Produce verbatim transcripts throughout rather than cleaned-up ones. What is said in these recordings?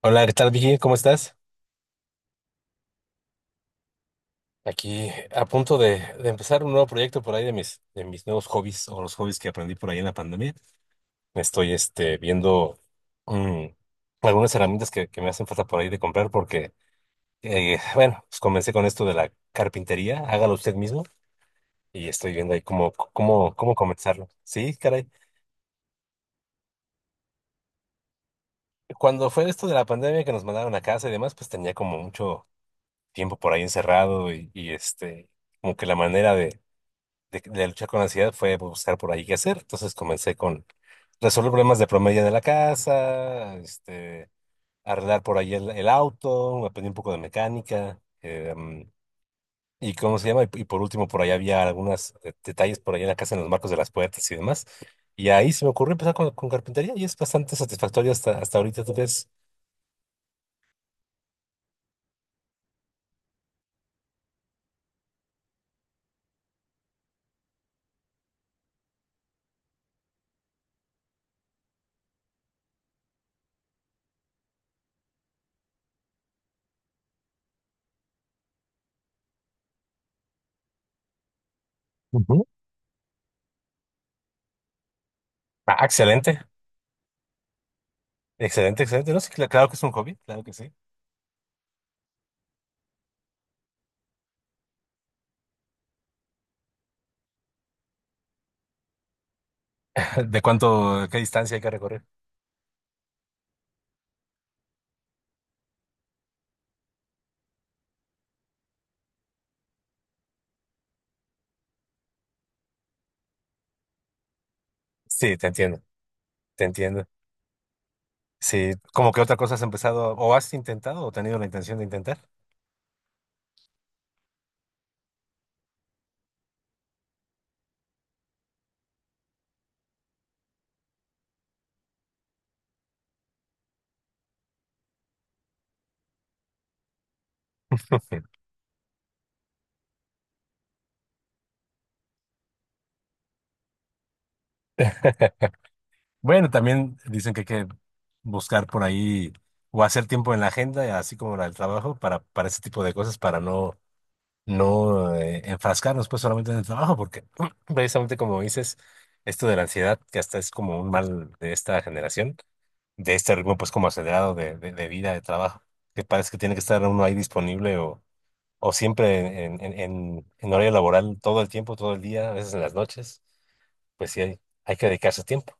Hola, ¿qué tal, Vicky? ¿Cómo estás? Aquí a punto de, de empezar un nuevo proyecto por ahí de mis, de mis nuevos hobbies o los hobbies que aprendí por ahí en la pandemia. Estoy este, viendo mm, algunas herramientas que, que me hacen falta por ahí de comprar porque, eh, bueno, pues comencé con esto de la carpintería, hágalo usted mismo y estoy viendo ahí cómo, cómo, cómo comenzarlo. Sí, caray. Cuando fue esto de la pandemia que nos mandaron a casa y demás, pues tenía como mucho tiempo por ahí encerrado y, y este, Como que la manera de de, de luchar con la ansiedad fue buscar por ahí qué hacer. Entonces comencé con resolver problemas de promedio de la casa, este, arreglar por ahí el, el auto, aprendí un poco de mecánica. Em, y cómo se llama, y, y por último, por ahí había algunos detalles por ahí en la casa, en los marcos de las puertas y demás. Y ahí se me ocurrió empezar con, con carpintería y es bastante satisfactorio hasta, hasta ahorita, ¿tú crees? Ujú. Ah, excelente, excelente, excelente. No, sí, cl- claro que es un hobby, claro que sí. ¿De cuánto, qué distancia hay que recorrer? Sí, te entiendo, te entiendo. Sí, como que otra cosa has empezado o has intentado o tenido la intención de intentar. Bueno, también dicen que hay que buscar por ahí o hacer tiempo en la agenda, así como la del trabajo, para, para ese tipo de cosas, para no, no eh, enfrascarnos pues solamente en el trabajo, porque precisamente como dices, esto de la ansiedad, que hasta es como un mal de esta generación, de este ritmo pues como acelerado de, de, de vida, de trabajo, que parece que tiene que estar uno ahí disponible o o siempre en, en, en, en horario laboral todo el tiempo, todo el día, a veces en las noches, pues sí hay, hay que dedicarse tiempo.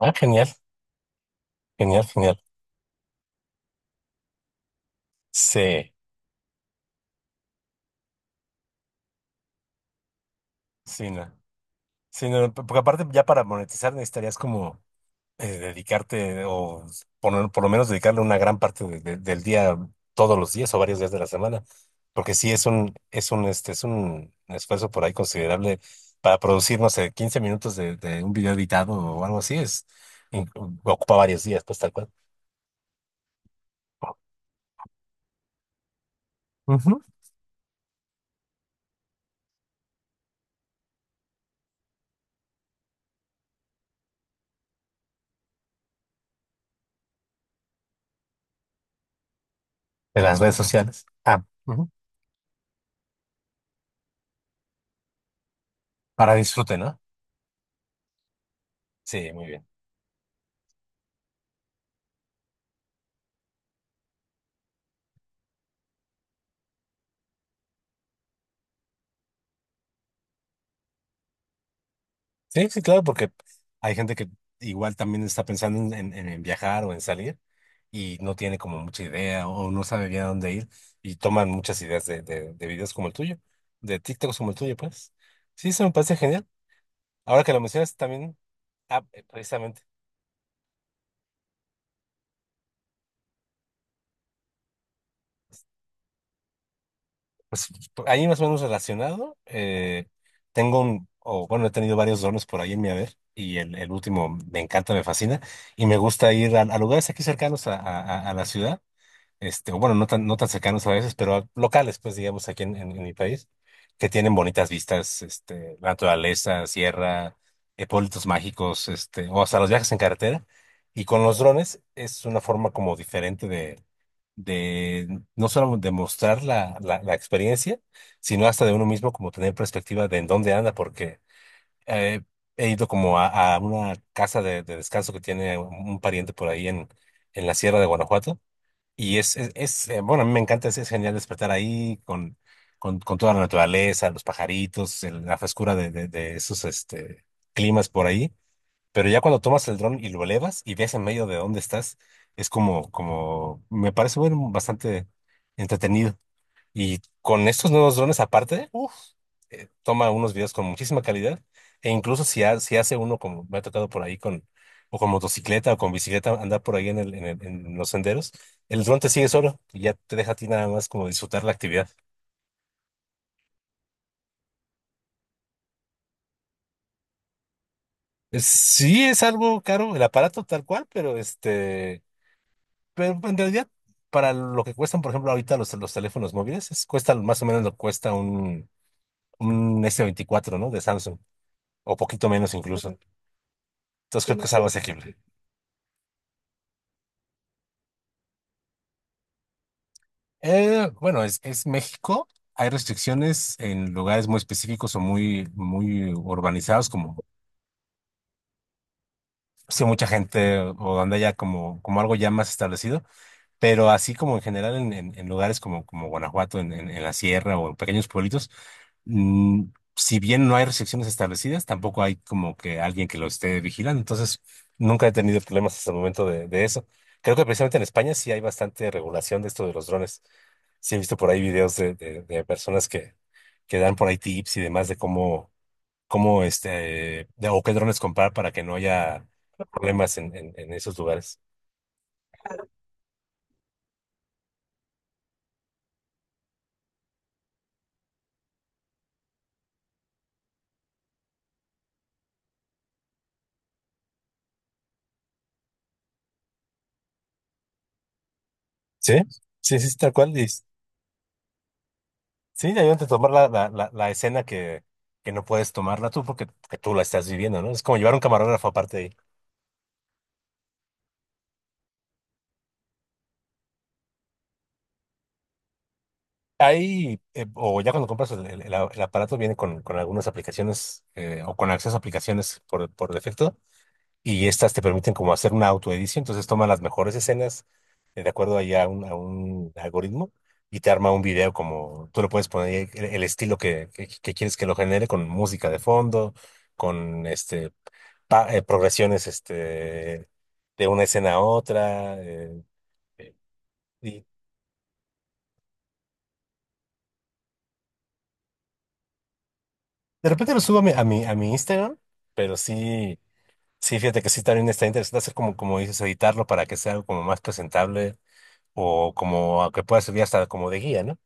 Ah, genial, genial, genial. Sí, sí, no. Sí, no, porque aparte ya para monetizar necesitarías como... eh, dedicarte o por, por lo menos dedicarle una gran parte de- de- del día todos los días o varios días de la semana, porque sí es un, es un, este, es un esfuerzo por ahí considerable para producir, no sé, quince minutos de, de un video editado o algo así, es, in- ocupa varios días, pues tal cual. Ujú. De las redes sociales. Ah, ujú. Para disfrute, ¿no? Sí, muy bien. Sí, sí, claro, porque hay gente que igual también está pensando en, en- en en viajar o en salir y no tiene como mucha idea o no sabe bien a dónde ir y toman muchas ideas de, de, de videos como el tuyo, de TikToks como el tuyo, pues. Sí, eso me parece genial. Ahora que lo mencionas también, ah, eh, precisamente, pues por ahí más o menos relacionado, eh, tengo un, o bueno, he tenido varios dones por ahí en mi haber y el, el último me encanta, me fascina y me gusta ir a, a lugares aquí cercanos a a- a- a la ciudad este, o bueno, no tan, no tan cercanos a veces, pero locales, pues digamos, aquí en, en- en mi país, que tienen bonitas vistas, este, la naturaleza, sierra, eh, pueblitos mágicos, este, o hasta los viajes en carretera. Y con los drones es una forma como diferente de, de no solo de mostrar la, la, la experiencia, sino hasta de uno mismo como tener perspectiva de en dónde anda, porque eh, he ido como a, a una casa de, de descanso que tiene un un pariente por ahí en, en la sierra de Guanajuato y es, es, es, eh, bueno, a mí me encanta, es, es genial despertar ahí con, con, con toda la naturaleza, los pajaritos, el- la frescura de, de, de esos este, climas por ahí. Pero ya cuando tomas el dron y lo elevas y ves en medio de dónde estás, es como, como, me parece bueno, bastante entretenido. Y con estos nuevos drones aparte, uf, eh, toma unos videos con muchísima calidad. E incluso si, ha- si hace uno, como me ha tocado por ahí con, o con motocicleta o con bicicleta, andar por ahí en el, en el- en los senderos, el dron te sigue solo y ya te deja a ti nada más como disfrutar la actividad. Es- Sí es algo caro el aparato tal cual, pero este, pero en realidad para lo que cuestan, por ejemplo, ahorita los, los teléfonos móviles, es- cuesta más o menos lo que cuesta un, un s veinticuatro ¿no? De Samsung, o poquito menos incluso. Entonces creo que es algo asequible. Eh, bueno, es, es México. Hay restricciones en lugares muy específicos o muy, muy urbanizados, como si mucha gente o donde haya como, como algo ya más establecido, pero así como en general en, en- en lugares como, como Guanajuato, en, en- en la sierra o en pequeños pueblitos. mm, si bien no hay restricciones establecidas, tampoco hay como que alguien que lo esté vigilando. Entonces, nunca he tenido problemas hasta el momento de, de eso. Creo que precisamente en España sí hay bastante regulación de esto de los drones. Sí he visto por ahí videos de, de- de personas que, que dan por ahí tips y demás de cómo, cómo este, de- o qué drones comprar para que no haya problemas en, en, en esos lugares. Sí, sí, sí, sí, tal cual. Sí, ya yo te tomar la, la, la, la escena que, que no puedes tomarla tú porque que tú la estás viviendo, ¿no? Es como llevar un camarógrafo aparte de ahí. Ahí, eh, o ya cuando compras el, el- el a- el aparato, viene con, con algunas aplicaciones eh, o con acceso a aplicaciones por, por defecto y estas te permiten como hacer una autoedición, entonces toma las mejores escenas eh, de acuerdo ahí a un, a un algoritmo y te arma un video como tú le puedes poner ahí el, el estilo que, que, que quieres que lo genere con música de fondo, con este pa- eh, progresiones este, de una escena a otra. eh, eh, y de repente lo subo a mi, a mi, a mi Instagram, pero sí, sí, fíjate que sí también está interesante hacer como, como dices, editarlo para que sea algo como más presentable o como a que pueda servir hasta como de guía, ¿no?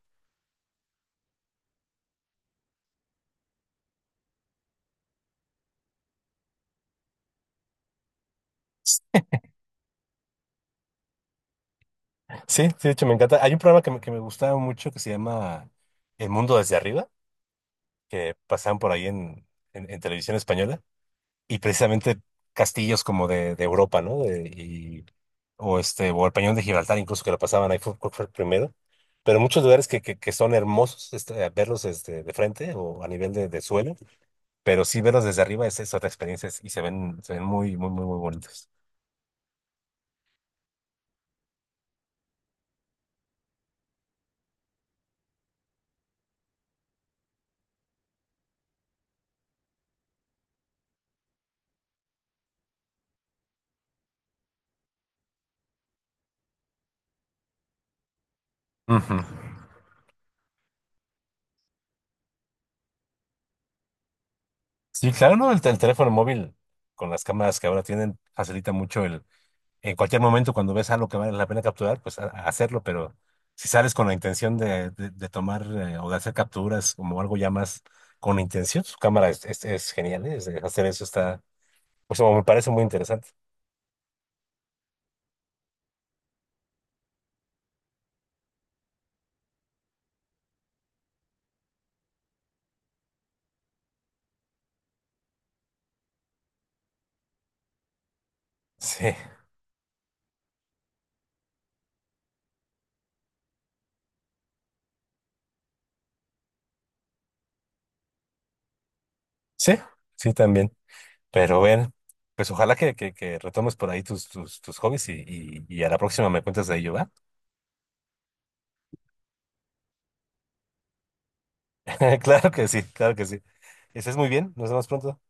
Sí, sí, de hecho me encanta. Hay un programa que me, que me gustaba mucho que se llama El Mundo desde Arriba, que pasaban por ahí en, en, en televisión española. Y precisamente castillos como de, de Europa, ¿no? De- y, o este, o el Peñón de Gibraltar, incluso que lo pasaban ahí, fue, creo fue el primero. Pero muchos lugares que, que, que son hermosos este, a verlos este, de frente o a nivel de, de suelo, pero sí verlos desde arriba es, es otra experiencia y se ven, se ven muy, muy, muy, muy bonitos. Ujú. Sí, claro, ¿no? El, tel- el teléfono móvil con las cámaras que ahora tienen facilita mucho el en cualquier momento cuando ves algo que vale la pena capturar, pues a- a hacerlo, pero si sales con la intención de, de- de tomar eh, o de hacer capturas como algo ya más con intención, su cámara es, es- es genial, ¿eh? Es- Hacer eso está, pues me parece muy interesante. Sí, sí, sí también. Pero bueno, pues ojalá que, que, que retomes por ahí tus, tus, tus hobbies y, y, y a la próxima me cuentas de ello, ¿va? Claro que sí, claro que sí. Estés muy bien, nos vemos pronto.